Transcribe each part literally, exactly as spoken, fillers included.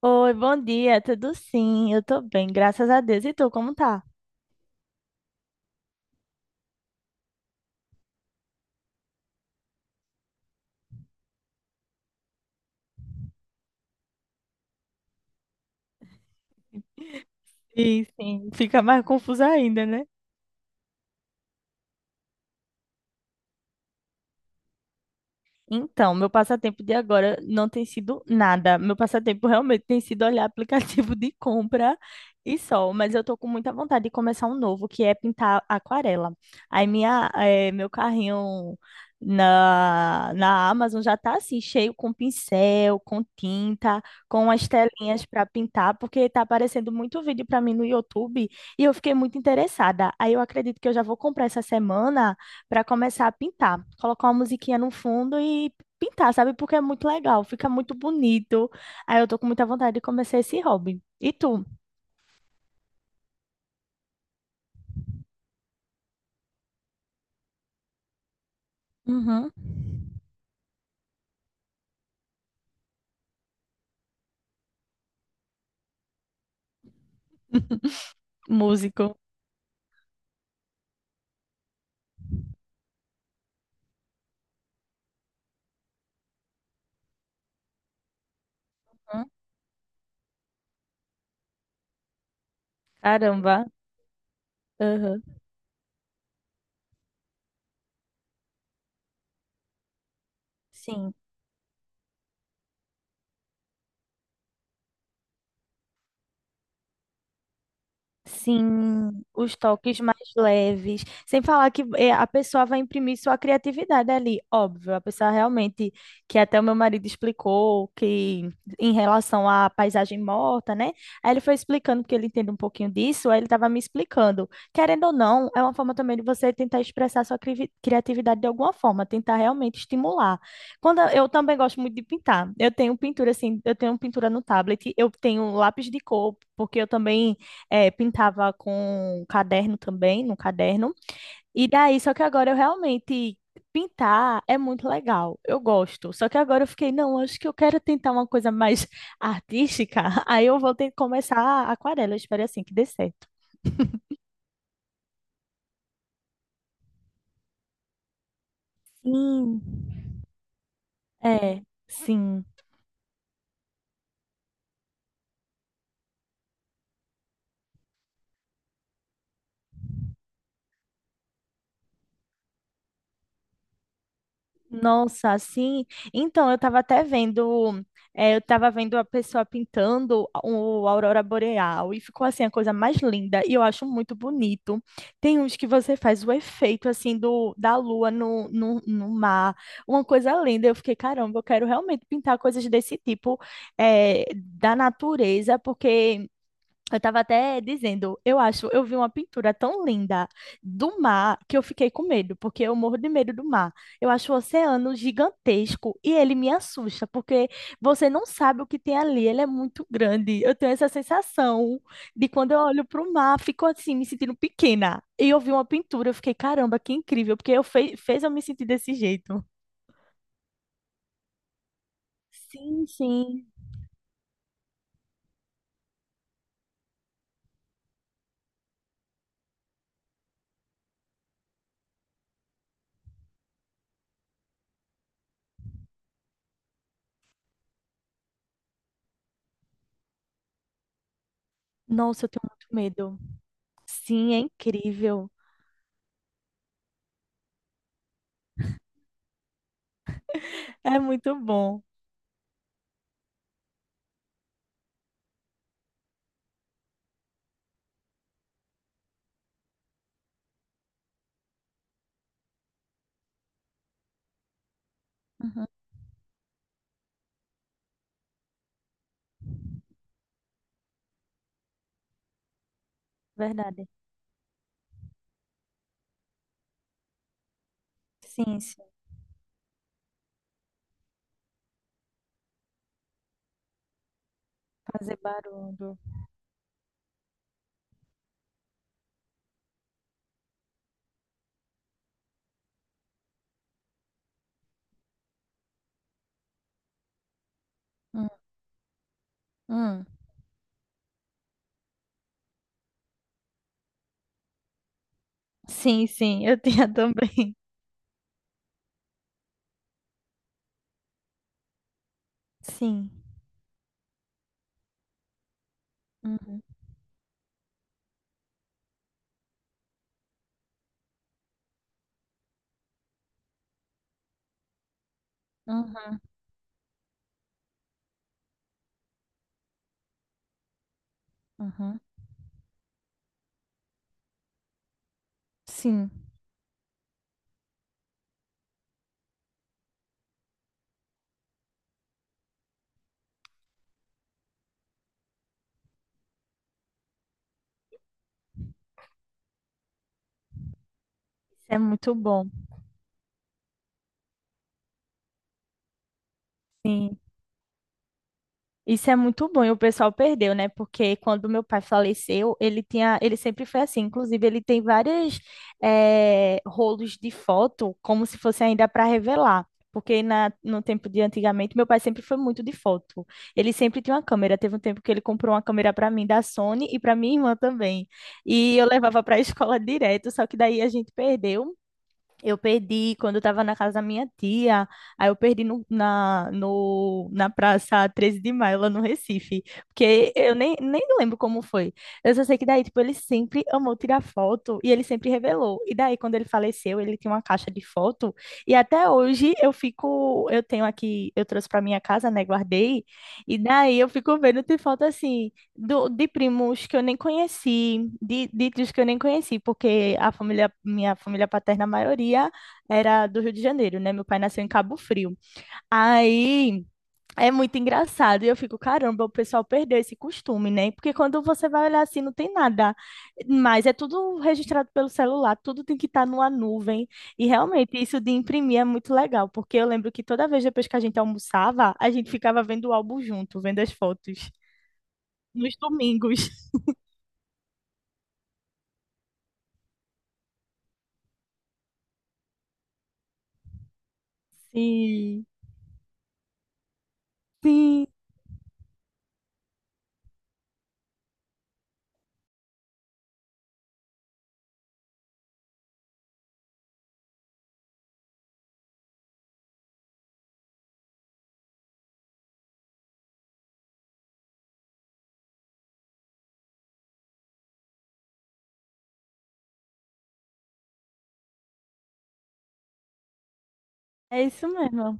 Oi, bom dia, tudo sim? Eu tô bem, graças a Deus. E tu, como tá? E sim. Fica mais confusa ainda, né? Então, meu passatempo de agora não tem sido nada. Meu passatempo realmente tem sido olhar aplicativo de compra e só. Mas eu tô com muita vontade de começar um novo, que é pintar aquarela. Aí minha, eh, meu carrinho na, na Amazon já tá assim, cheio com pincel, com tinta, com as telinhas para pintar, porque tá aparecendo muito vídeo para mim no YouTube e eu fiquei muito interessada. Aí eu acredito que eu já vou comprar essa semana para começar a pintar. Colocar uma musiquinha no fundo e pintar, sabe? Porque é muito legal, fica muito bonito. Aí eu tô com muita vontade de começar esse hobby. E tu? Uhum. Músico. Hum. Caramba. Aham. Sim. Sim, os toques mais leves. Sem falar que eh, a pessoa vai imprimir sua criatividade ali, óbvio. A pessoa realmente, que até o meu marido explicou, que em relação à paisagem morta, né? Aí ele foi explicando, porque ele entende um pouquinho disso, aí ele estava me explicando. Querendo ou não, é uma forma também de você tentar expressar sua crivi- criatividade de alguma forma, tentar realmente estimular. Quando eu eu também gosto muito de pintar. Eu tenho pintura, assim, eu tenho pintura no tablet, eu tenho lápis de cor, porque eu também. É, pintava com caderno também, no caderno. E daí, só que agora eu realmente pintar é muito legal, eu gosto. Só que agora eu fiquei, não, acho que eu quero tentar uma coisa mais artística. Aí eu vou ter que começar a aquarela, eu espero assim que dê certo. Sim. É, sim. Nossa, assim. Então, eu estava até vendo, eh, eu estava vendo a pessoa pintando o Aurora Boreal e ficou assim a coisa mais linda e eu acho muito bonito. Tem uns que você faz o efeito assim do da lua no, no, no mar, uma coisa linda. Eu fiquei, caramba, eu quero realmente pintar coisas desse tipo, eh, da natureza, porque eu tava até dizendo, eu acho, eu vi uma pintura tão linda do mar que eu fiquei com medo, porque eu morro de medo do mar. Eu acho o oceano gigantesco e ele me assusta, porque você não sabe o que tem ali, ele é muito grande. Eu tenho essa sensação de quando eu olho para o mar, fico assim, me sentindo pequena. E eu vi uma pintura, eu fiquei, caramba, que incrível, porque eu fe fez eu me sentir desse jeito. Sim, sim. Nossa, eu tenho muito medo. Sim, é incrível. É muito bom. Uhum, verdade. Sim, sim, fazer barulho. Hum, hum. Sim, sim, eu tinha também. Sim. Uhum, uhum, uhum. Sim, isso é muito bom. Sim. Isso é muito bom e o pessoal perdeu, né? Porque quando meu pai faleceu, ele tinha, ele sempre foi assim. Inclusive, ele tem vários eh, rolos de foto, como se fosse ainda para revelar. Porque na, no tempo de antigamente, meu pai sempre foi muito de foto. Ele sempre tinha uma câmera. Teve um tempo que ele comprou uma câmera para mim da Sony e para minha irmã também. E eu levava para a escola direto, só que daí a gente perdeu. Eu perdi quando eu estava na casa da minha tia. Aí eu perdi no, na, no, na Praça Treze de Maio, lá no Recife. Porque eu nem, nem lembro como foi. Eu só sei que daí, tipo, ele sempre amou tirar foto e ele sempre revelou. E daí, quando ele faleceu, ele tinha uma caixa de foto. E até hoje eu fico. Eu tenho aqui, eu trouxe para minha casa, né? Guardei. E daí eu fico vendo, tem foto assim do- de primos que eu nem conheci, de, de tios que eu nem conheci, porque a família, minha família paterna, a maioria era do Rio de Janeiro, né? Meu pai nasceu em Cabo Frio. Aí é muito engraçado. E eu fico, caramba, o pessoal perdeu esse costume, né? Porque quando você vai olhar assim, não tem nada. Mas é tudo registrado pelo celular, tudo tem que estar numa nuvem. E realmente, isso de imprimir é muito legal, porque eu lembro que toda vez depois que a gente almoçava, a gente ficava vendo o álbum junto, vendo as fotos. Nos domingos. Sim, sim, é isso mesmo.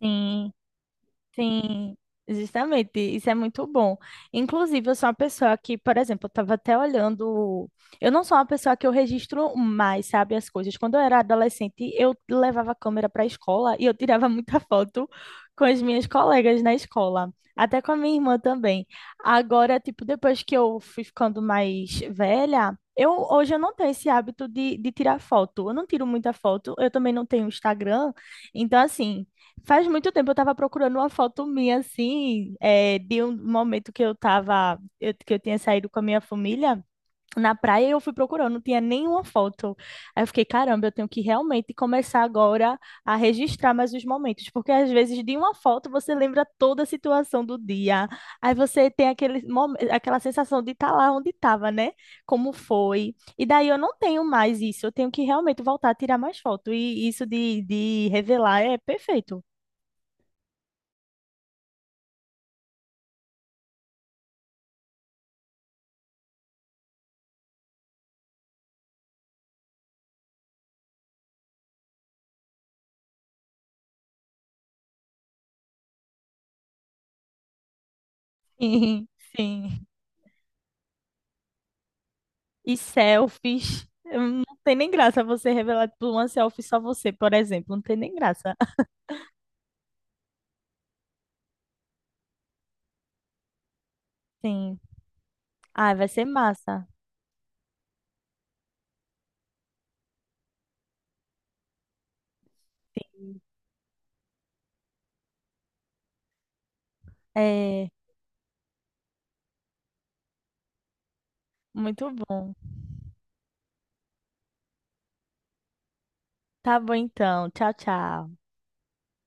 Sim. Sim, justamente, isso é muito bom. Inclusive, eu sou uma pessoa que, por exemplo, eu estava até olhando. Eu não sou uma pessoa que eu registro mais, sabe, as coisas. Quando eu era adolescente, eu levava a câmera para a escola e eu tirava muita foto com as minhas colegas na escola, até com a minha irmã também. Agora, tipo, depois que eu fui ficando mais velha, eu hoje eu não tenho esse hábito de, de tirar foto. Eu não tiro muita foto, eu também não tenho Instagram, então assim. Faz muito tempo eu tava procurando uma foto minha, assim, é, de um momento que eu tava, eu- que eu tinha saído com a minha família na praia e eu fui procurando, não tinha nenhuma foto. Aí eu fiquei, caramba, eu tenho que realmente começar agora a registrar mais os momentos, porque às vezes de uma foto você lembra toda a situação do dia, aí você tem aquele, mom- aquela sensação de estar lá onde estava, né? Como foi. E daí eu não tenho mais isso, eu tenho que realmente voltar a tirar mais foto, e isso de, de revelar é perfeito. Sim, sim. E selfies. Não tem nem graça você revelar tipo, uma selfie só você, por exemplo. Não tem nem graça. Sim. Ah, vai ser massa. É, muito bom. Tá bom então. Tchau, tchau.